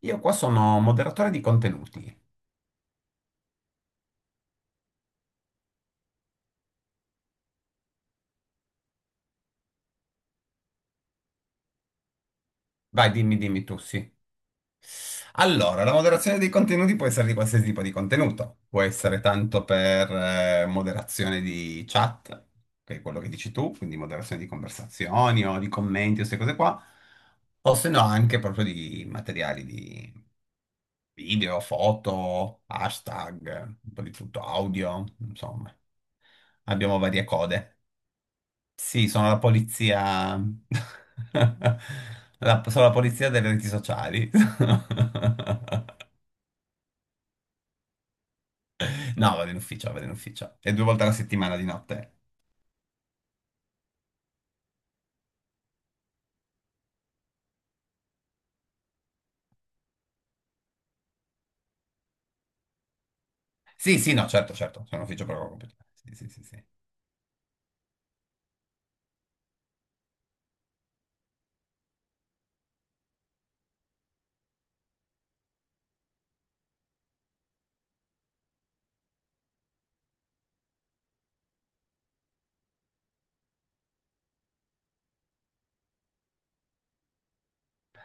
Io qua sono moderatore di contenuti. Vai, dimmi, dimmi tu, sì. Allora, la moderazione dei contenuti può essere di qualsiasi tipo di contenuto. Può essere tanto per moderazione di chat, che è quello che dici tu, quindi moderazione di conversazioni o di commenti o queste cose qua, o se no anche proprio di materiali di video, foto, hashtag, un po' di tutto, audio, insomma. Abbiamo varie code. Sì, sono la polizia. Sono la polizia delle reti sociali. No, vado in ufficio, vado in ufficio. E due volte alla settimana di notte. Sì, sì, no, certo, certo. Sono in ufficio proprio computer. Sì, sì, sì, sì.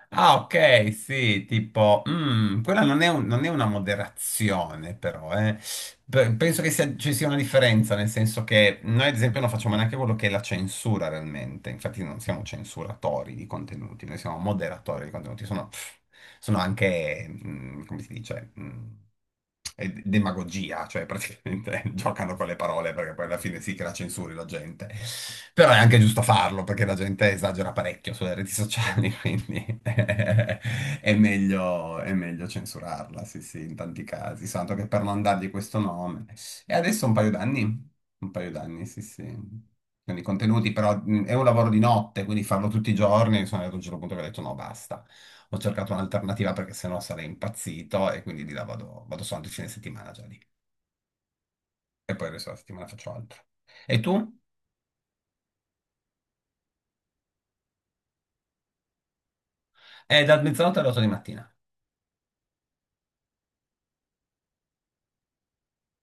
Ah, ok, sì, tipo, quella non è, non è una moderazione, però, eh. Penso che ci sia una differenza, nel senso che noi, ad esempio, non facciamo neanche quello che è la censura realmente, infatti non siamo censuratori di contenuti, noi siamo moderatori di contenuti, sono anche, come si dice, demagogia, cioè praticamente giocano con le parole perché poi alla fine sì che la censuri la gente. Però è anche giusto farlo perché la gente esagera parecchio sulle reti sociali, quindi è meglio censurarla, sì sì, in tanti casi, soltanto che per non dargli questo nome. E adesso un paio d'anni, sì sì. Quindi i contenuti, però è un lavoro di notte, quindi farlo tutti i giorni, sono arrivato a un certo punto che ho detto no, basta, ho cercato un'alternativa perché sennò sarei impazzito e quindi di là vado soltanto il fine settimana già lì. E poi il resto della settimana faccio altro. E tu? Da mezzanotte alle 8 di mattina.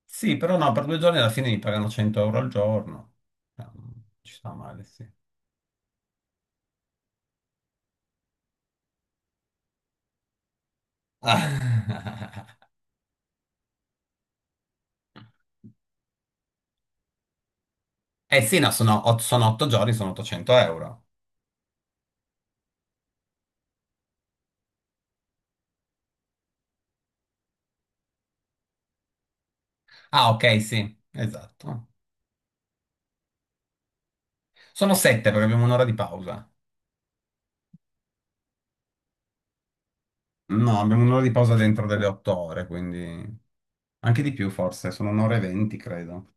Sì, però no, per 2 giorni alla fine mi pagano 100 euro al giorno. No, non ci sta male, sì. Ah. Eh sì, no, sono 8 giorni, sono 800 euro. Ah, ok, sì, esatto. Sono 7 perché abbiamo un'ora di pausa. No, abbiamo un'ora di pausa dentro delle 8 ore, quindi... Anche di più forse, sono un'ora e 20, credo.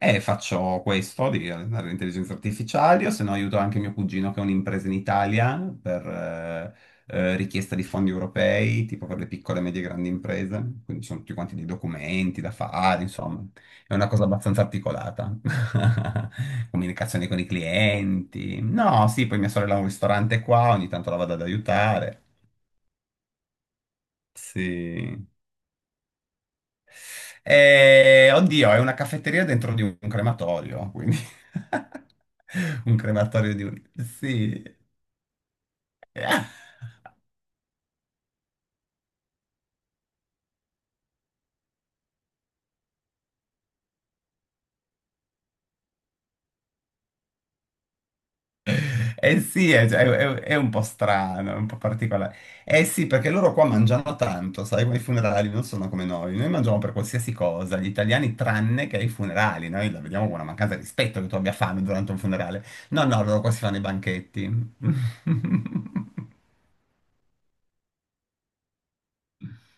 E faccio questo di allenare l'intelligenza artificiale, o se no aiuto anche mio cugino che ha un'impresa in Italia per richiesta di fondi europei, tipo per le piccole, medie e grandi imprese. Quindi ci sono tutti quanti dei documenti da fare, insomma, è una cosa abbastanza articolata. Comunicazione con i clienti. No, sì, poi mia sorella ha un ristorante qua, ogni tanto la vado ad aiutare. Sì. Oddio, è una caffetteria dentro di un crematorio, quindi un crematorio di un... Sì. Eh sì, è un po' strano, è un po' particolare. Eh sì, perché loro qua mangiano tanto, sai, ma i funerali non sono come noi. Noi mangiamo per qualsiasi cosa, gli italiani tranne che ai funerali. Noi la vediamo come una mancanza di rispetto che tu abbia fame durante un funerale. No, no, loro qua si fanno i banchetti.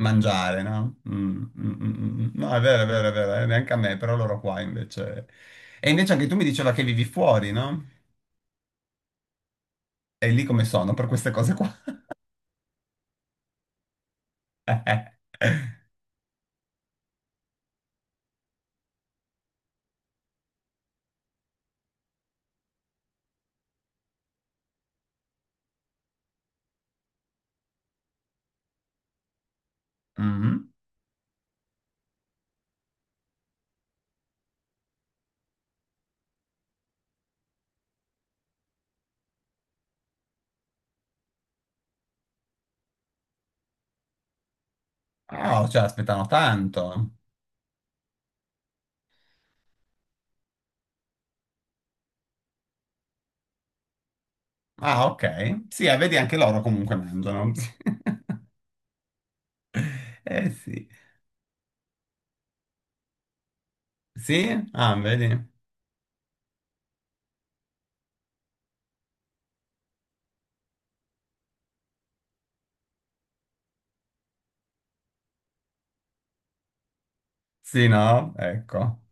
Mangiare, no? Mm, mm, mm, mm. Mm. No, è vero, è vero, è vero, neanche a me, però loro qua invece. E invece anche tu mi diceva che vivi fuori, no? E lì come sono per queste cose qua? Mm. Oh, cioè, aspettano tanto. Ah, ok. Sì, vedi, anche loro comunque mangiano. Eh sì. Sì? Ah, vedi? Sì, no? Ecco.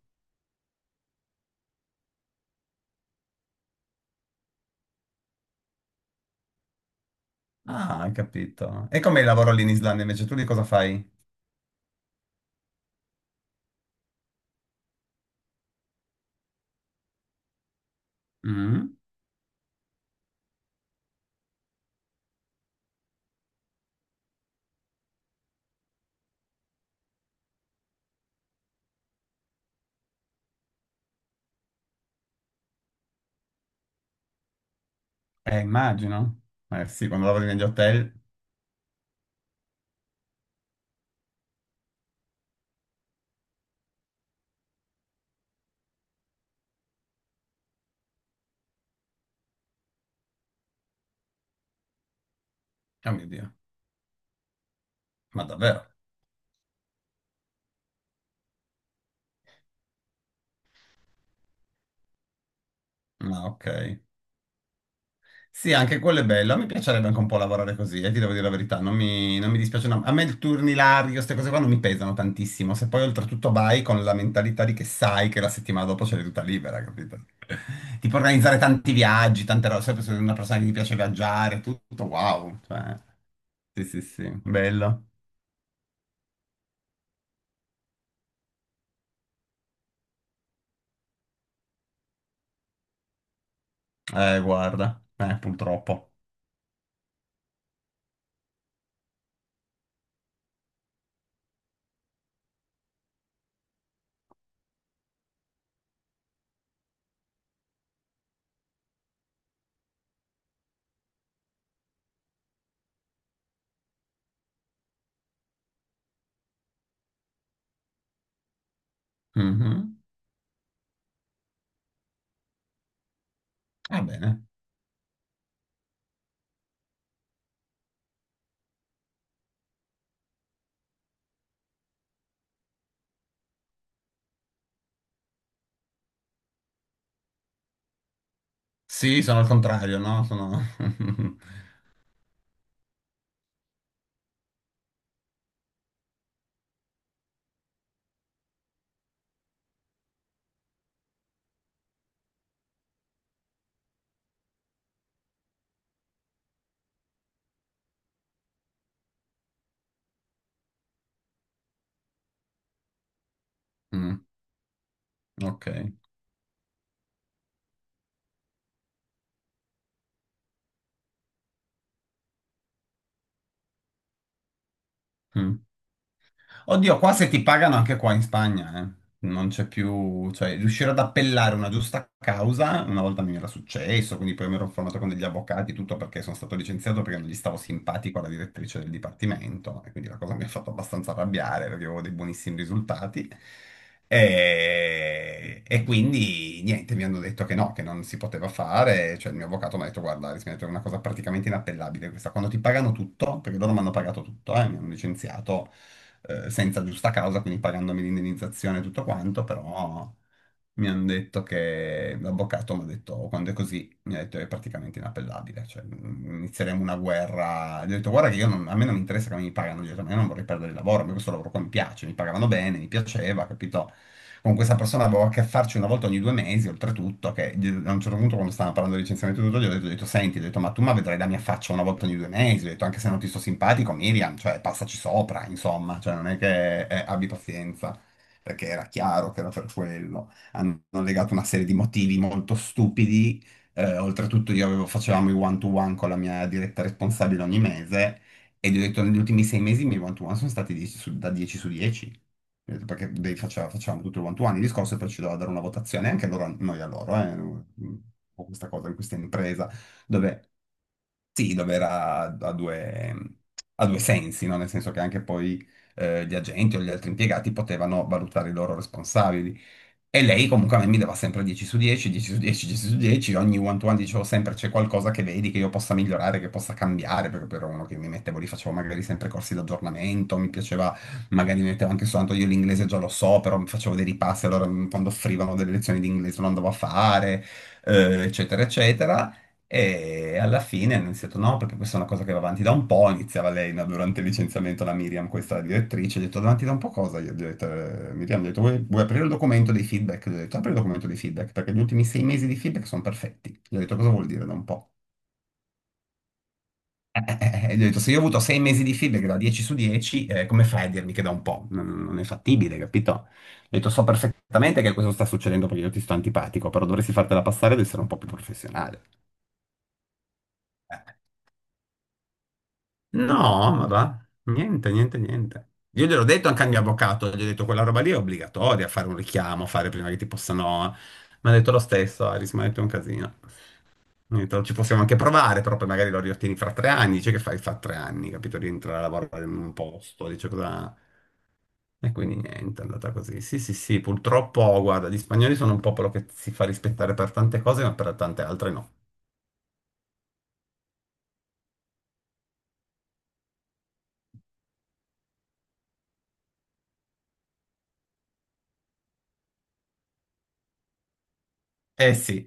Ah, hai capito. E com'è il lavoro lì in Islanda invece? Tu di cosa fai? Mm. Immagino. Eh sì, quando lavori negli hotel. Oh mio Dio, ma davvero? Ah, ok. Sì, anche quello è bello. A me piacerebbe anche un po' lavorare così, ti devo dire la verità. Non mi dispiace, no. A me il turnilario, queste cose qua non mi pesano tantissimo. Se poi oltretutto vai con la mentalità di che sai che la settimana dopo c'è tutta libera, capito? Tipo organizzare tanti viaggi, tante cose. Sempre se sei una persona che ti piace viaggiare, tutto wow. Cioè, sì, sì, sì, bello. Guarda, purtroppo. Mhm. Va bene. Sì, sono al contrario, no? Sono... Mm. Ok. Mm. Oddio, qua se ti pagano anche qua in Spagna, eh. Non c'è più, cioè, riuscire ad appellare una giusta causa, una volta mi era successo, quindi poi mi ero informato con degli avvocati, tutto perché sono stato licenziato perché non gli stavo simpatico alla direttrice del dipartimento, e quindi la cosa mi ha fatto abbastanza arrabbiare perché avevo dei buonissimi risultati. E quindi niente, mi hanno detto che no, che non si poteva fare. Cioè, il mio avvocato mi ha detto: "Guarda, Alice", mi ha detto, "è una cosa praticamente inappellabile questa". Quando ti pagano tutto, perché loro mi hanno pagato tutto, mi hanno licenziato senza giusta causa, quindi pagandomi l'indennizzazione e tutto quanto, però mi hanno detto che l'avvocato mi ha detto: "Quando è così", mi ha detto, "è praticamente inappellabile, cioè inizieremo una guerra". Gli ho detto guarda che io non- a me non mi interessa come mi pagano, gli ho detto ma io non vorrei perdere il lavoro, a me questo lavoro qua mi piace, mi pagavano bene, mi piaceva, capito? Con questa persona avevo a che farci una volta ogni 2 mesi, oltretutto, a un certo punto quando stavano parlando di licenziamento e tutto, gli ho detto, senti, gli ho detto, ma tu ma vedrai la mia faccia una volta ogni 2 mesi, gli ho detto, anche se non ti sto simpatico, Miriam, cioè passaci sopra, insomma, cioè non è che abbi pazienza, perché era chiaro che era per quello hanno legato una serie di motivi molto stupidi, oltretutto facevamo i one-to-one con la mia diretta responsabile ogni mese e gli ho detto negli ultimi 6 mesi i miei one-to-one sono stati 10 da 10 su 10. Ho detto: "Perché facevamo tutto il one-to-one, il discorso, e poi ci doveva dare una votazione, anche loro, noi a loro", ho questa cosa in questa impresa dove sì, dove era a due sensi, no? Nel senso che anche poi gli agenti o gli altri impiegati potevano valutare i loro responsabili. E lei comunque a me mi dava sempre 10 su 10, 10 su 10, 10 su 10, ogni one-to-one dicevo sempre c'è qualcosa che vedi che io possa migliorare, che possa cambiare, perché ero uno che mi mettevo lì, facevo magari sempre corsi di aggiornamento, mi piaceva, magari mi mettevo anche soltanto, io l'inglese già lo so, però mi facevo dei ripassi, allora quando offrivano delle lezioni di inglese lo andavo a fare, eccetera, eccetera. E alla fine hanno iniziato, no, perché questa è una cosa che va avanti da un po', iniziava lei, no, durante il licenziamento, la Miriam, questa direttrice, ha detto: "Avanti da un po' cosa?". Io gli ho detto, Miriam, gli ho detto: Vuoi aprire il documento dei feedback?". Gli ho detto: "Apri il documento dei feedback, perché gli ultimi 6 mesi di feedback sono perfetti". Gli ho detto: "Cosa vuol dire da un po'?". Gli ho detto: "Se io ho avuto 6 mesi di feedback da 10 su 10, come fai a dirmi che da un po'?". Non è fattibile, capito? Gli ho detto: "So perfettamente che questo sta succedendo perché io ti sto antipatico, però dovresti fartela passare ad essere un po' più professionale". Eh, no, ma va, niente, niente, niente. Io gliel'ho detto anche al mio avvocato, gli ho detto quella roba lì è obbligatoria, fare un richiamo, fare prima che ti possano... Mi ha detto lo stesso, Aris, mi ha detto è un casino. Mi ha detto: "Ci possiamo anche provare, però poi magari lo riottieni fra 3 anni, dice che fai fra 3 anni, capito? Rientrare a lavorare in un posto, dice cosa...". E quindi niente, è andata così. Sì, sì, sì, purtroppo, guarda, gli spagnoli sono un popolo che si fa rispettare per tante cose, ma per tante altre no. Eh sì.